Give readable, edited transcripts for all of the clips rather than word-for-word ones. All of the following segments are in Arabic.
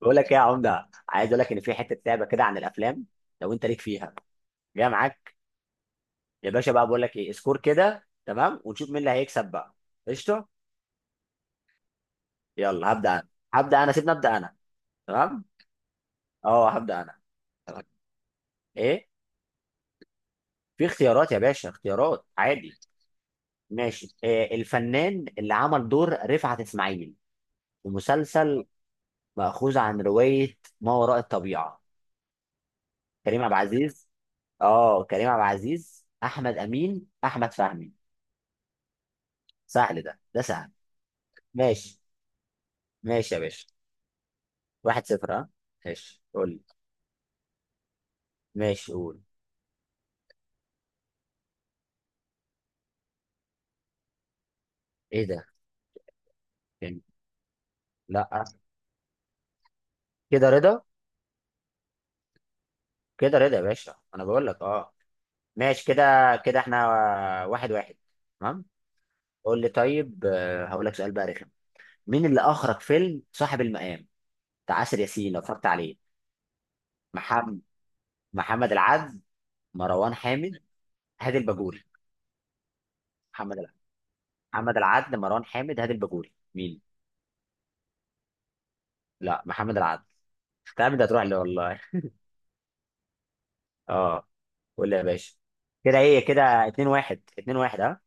بقول لك ايه يا عمده، عايز اقول لك ان في حته لعبه كده عن الافلام، لو انت ليك فيها جاي معاك. يا باشا بقى بقول لك ايه، سكور كده تمام ونشوف مين اللي هيكسب بقى. قشطه. يلا هبدا انا. سيبني ابدا انا. تمام. اه هبدا انا. تمام. ايه. في اختيارات يا باشا، اختيارات عادي. ماشي. إيه الفنان اللي عمل دور رفعت اسماعيل في مسلسل مأخوذ عن روايه ما وراء الطبيعه؟ كريم عبد العزيز. اه، كريم عبد العزيز، احمد امين، احمد فهمي. سهل، ده سهل. ماشي. ماشي يا باشا. واحد صفر، اه. ماشي قول لي. ماشي قول. ايه ده؟ فين؟ لا. كده رضا. كده رضا يا باشا، انا بقول لك. اه ماشي كده. كده احنا واحد واحد. تمام. قول لي طيب. هقول لك سؤال بقى رخم، مين اللي اخرج فيلم صاحب المقام بتاع آسر ياسين لو اتفرجت عليه؟ محمد. محمد العدل، مروان حامد، هادي الباجوري. محمد العدل. محمد العدل، مروان حامد، هادي الباجوري، مين؟ لا، محمد العدل. تعمل ده هتروح لي والله. اه. قول لي يا باشا. كده ايه كده، 2 1 2 1، ها.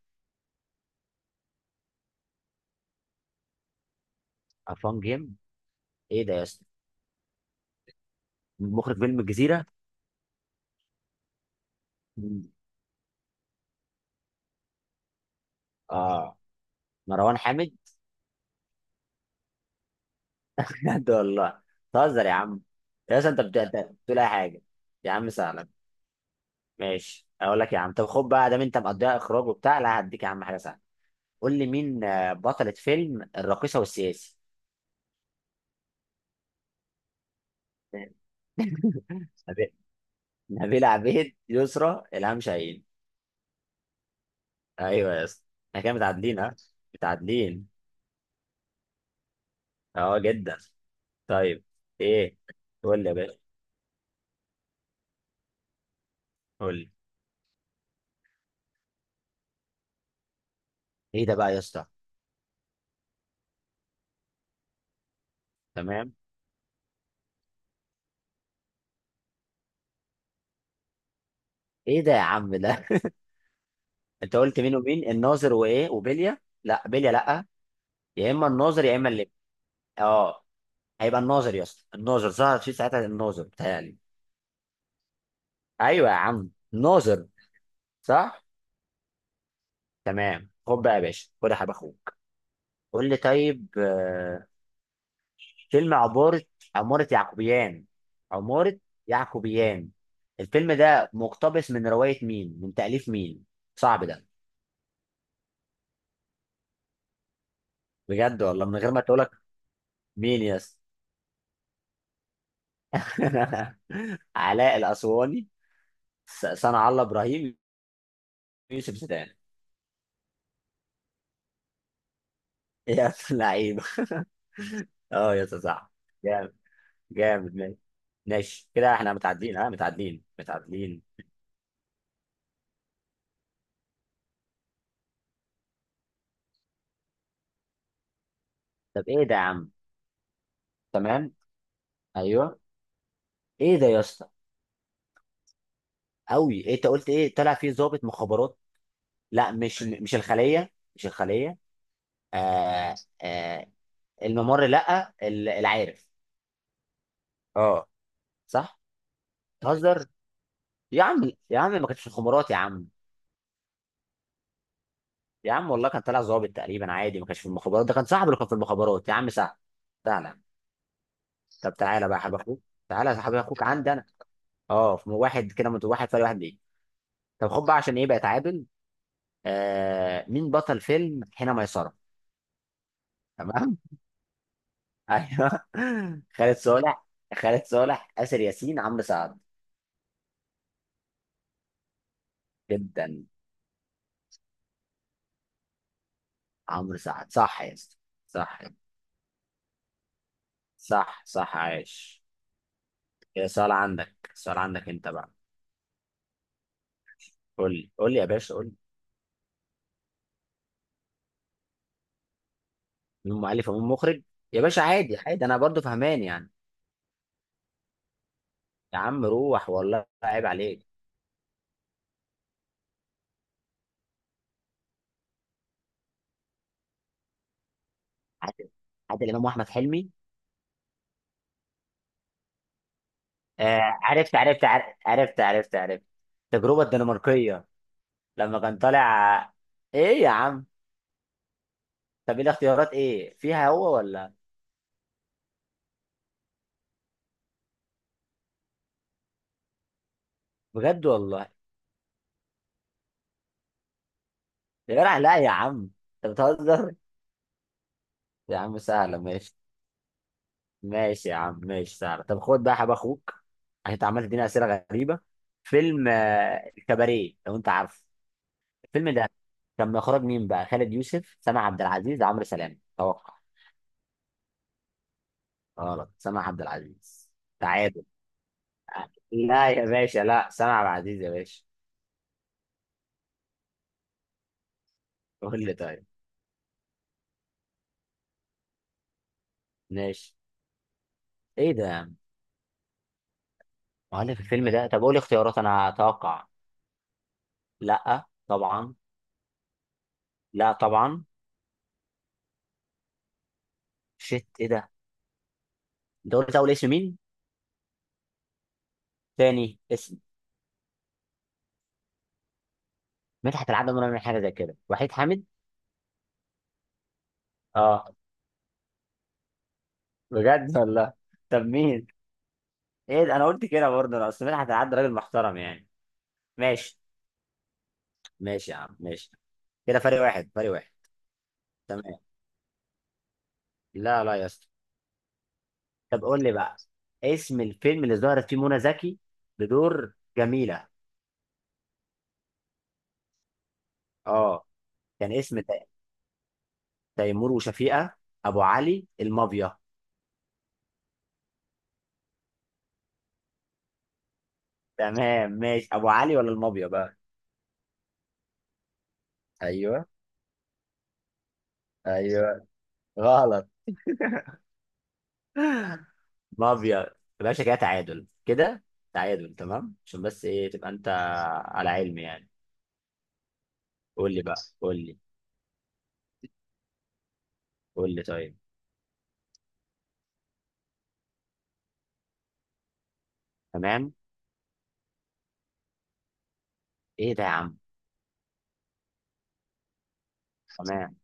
فان جيم. ايه ده يا اسطى؟ مخرج فيلم الجزيره. مم. اه، مروان حامد. بجد والله. بتهزر يا عم. يا اسطى انت أنت بتقول اي حاجه. يا عم سهلا. ماشي اقول لك يا عم. طب خد بقى ده، انت مقضيها اخراج وبتاع، لا هديك يا عم حاجه سهله. قول لي مين بطلة فيلم الراقصه والسياسي. نبيل نبيلة عبيد، يسرى، إلهام شاهين. ايوه يا اسطى، احنا كده متعادلين، ها؟ متعادلين. اه جدا. طيب. ايه. قول لي يا باشا. قول لي. ايه ده بقى يا اسطى؟ تمام. ايه ده يا عم ده؟ انت قلت مين؟ ومين الناظر وايه وبيليا؟ لا بيليا لا. يا اما الناظر يا اما اللي. اه، هيبقى الناظر يا اسطى. الناظر ظهر في ساعتها، الناظر بتهيألي. ايوه يا عم، الناظر. صح. تمام خد بقى يا باشا، خد يا حبيب اخوك. قول لي طيب. فيلم عمارة، عمارة يعقوبيان. عمارة يعقوبيان، الفيلم ده مقتبس من رواية مين؟ من تأليف مين؟ صعب ده. بجد والله من غير ما تقولك. مين يس. علاء الأسواني، صنع الله إبراهيم، يوسف زيدان. يا لعيبة. اه يا صح. جامد. جامد ماشي. ماشي كده احنا متعادلين، ها؟ متعادلين متعادلين. طب ايه ده يا عم؟ تمام. ايوه. ايه ده يا اسطى؟ قوي. إيه انت قلت ايه؟ طلع فيه ضابط مخابرات. لا، مش الخليه، مش الخليه. آه. آه. الممر، لا، العارف. اه. صح. تهزر. يا عم يا عم، ما كانش في الخبرات يا عم. يا عم والله كان طالع ظابط تقريبا عادي، ما كانش في المخابرات، ده كان صاحبه اللي كان في المخابرات يا عم. سهل. سهل. طب تعالى بقى يا حبيب اخوك. تعالى يا حبيب اخوك عندي انا. اه، في واحد كده، من واحد فرق واحد، ليه؟ طب خد بقى، عشان ايه بقى اتعادل. آه مين بطل فيلم حين ميسرة؟ تمام. ايوه. خالد صالح. خالد صالح، آسر ياسين، عمرو سعد. جدا. عمرو سعد صح يا اسطى؟ صح. صح صح، عايش. يا سؤال عندك، سؤال عندك انت بقى. قول لي، قول لي يا باشا، قول لي. من ام الف ام مخرج؟ يا باشا عادي عادي، انا برضو فهمان يعني. يا عم روح والله عيب عليك. عادل. عادل امام واحمد حلمي. آه عرفت عرفت عرفت عرفت عرفت. التجربه الدنماركيه. لما كان طالع. ايه يا عم؟ طب ايه الاختيارات، ايه فيها هو ولا؟ بجد والله. يا جدع لا يا عم. انت بتهزر. يا عم سهله ماشي. ماشي يا عم ماشي، سهله. طب خد بقى يا حب اخوك، عشان انت عمال تديني اسئله غريبه. فيلم الكباريه لو انت عارفه. فيلم ده كان من اخراج مين بقى؟ خالد يوسف، سامع عبد العزيز، عمرو سلام. توقع. غلط. سامع عبد العزيز. تعادل. لا يا باشا، لا، سامع عبد العزيز يا باشا. قول لي طيب. ماشي. ايه ده يا عم؟ مؤلف الفيلم ده؟ طب قول لي اختيارات انا اتوقع. لا طبعا. لا طبعا. شيت ايه ده. انت قلت اول اسم مين؟ تاني اسم؟ مدحت العدل ولا من حاجه زي كده، وحيد حامد. اه. بجد والله. طب مين؟ ايه ده؟ انا قلت كده برضه، انا اصل مدحت العدل راجل محترم يعني. ماشي. ماشي يا عم ماشي. كده فرق واحد، فرق واحد. تمام. لا لا يا اسطى. طب قول لي بقى، اسم الفيلم اللي ظهرت فيه منى زكي بدور جميلة. اه. كان اسم تيمور وشفيقة، ابو علي، المافيا. تمام ماشي. ابو علي ولا المافيا بقى؟ ايوه. ايوه. غلط. مافيا يا باشا. كده تعادل كده. تعادل تمام عشان بس ايه، تبقى انت على علم يعني. قول لي بقى. قول لي. قول لي طيب. تمام. ايه ده يا عم؟ تمام.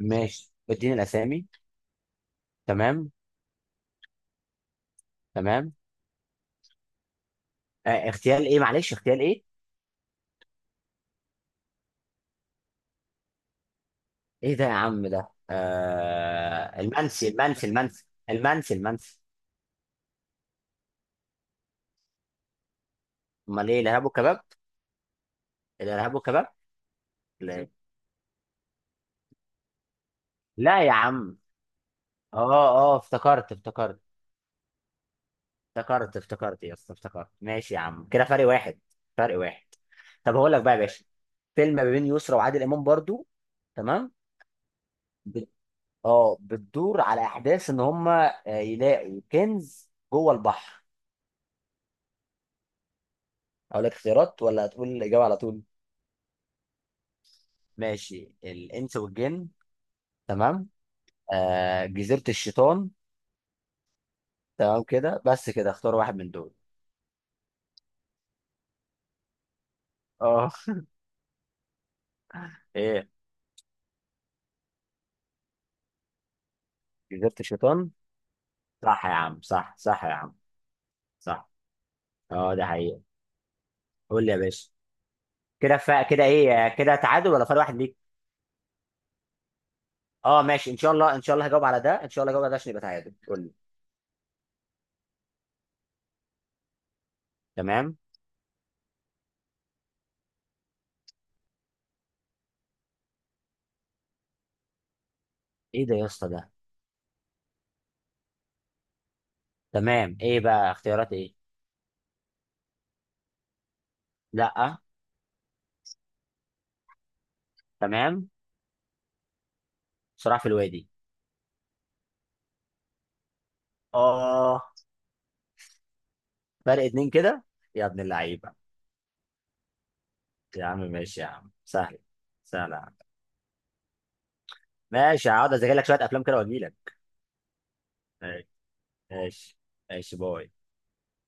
ماشي، اديني الاسامي. تمام. تمام. آه اغتيال ايه، معلش اغتيال ايه؟ ايه ده يا عم ده؟ آه المنسي، المنسي، المنسي. المنسي المنسي. امال ايه الارهاب والكباب؟ الارهاب والكباب. لا إيه؟ لا يا عم. اه. اه افتكرت افتكرت. افتكرت. افتكرت يا اسطى، افتكرت. ماشي يا عم كده فرق واحد، فرق واحد. طب هقول لك بقى يا باشا، فيلم ما بين يسرا وعادل امام برضو. تمام. بت... اه بتدور على احداث ان هم يلاقوا كنز جوه البحر. اقول لك اختيارات ولا هتقول الاجابه على طول؟ ماشي، الانس والجن. تمام. آه جزيرة الشيطان. تمام كده، بس كده اختار واحد من دول. اه. ايه. جزيرة الشيطان. صح يا عم صح، صح يا عم صح. اه ده حقيقة. قول لي يا باشا. كده فا كده ايه، كده تعادل ولا فرق واحد ليك؟ اه ماشي ان شاء الله، ان شاء الله هجاوب على ده، ان شاء الله هجاوب على ده عشان يبقى تعادل. قول لي. تمام. ايه ده يا اسطى ده؟ تمام. ايه بقى اختيارات ايه؟ لا. تمام. صراع في الوادي. اه. فرق اتنين كده. يا ابن اللعيبة. يا عم ماشي، يا عم سهل. سهل يا عم. ماشي، هقعد اذاكر لك شويه افلام كده واجي لك. ماشي. ماشي. ماشي، باي.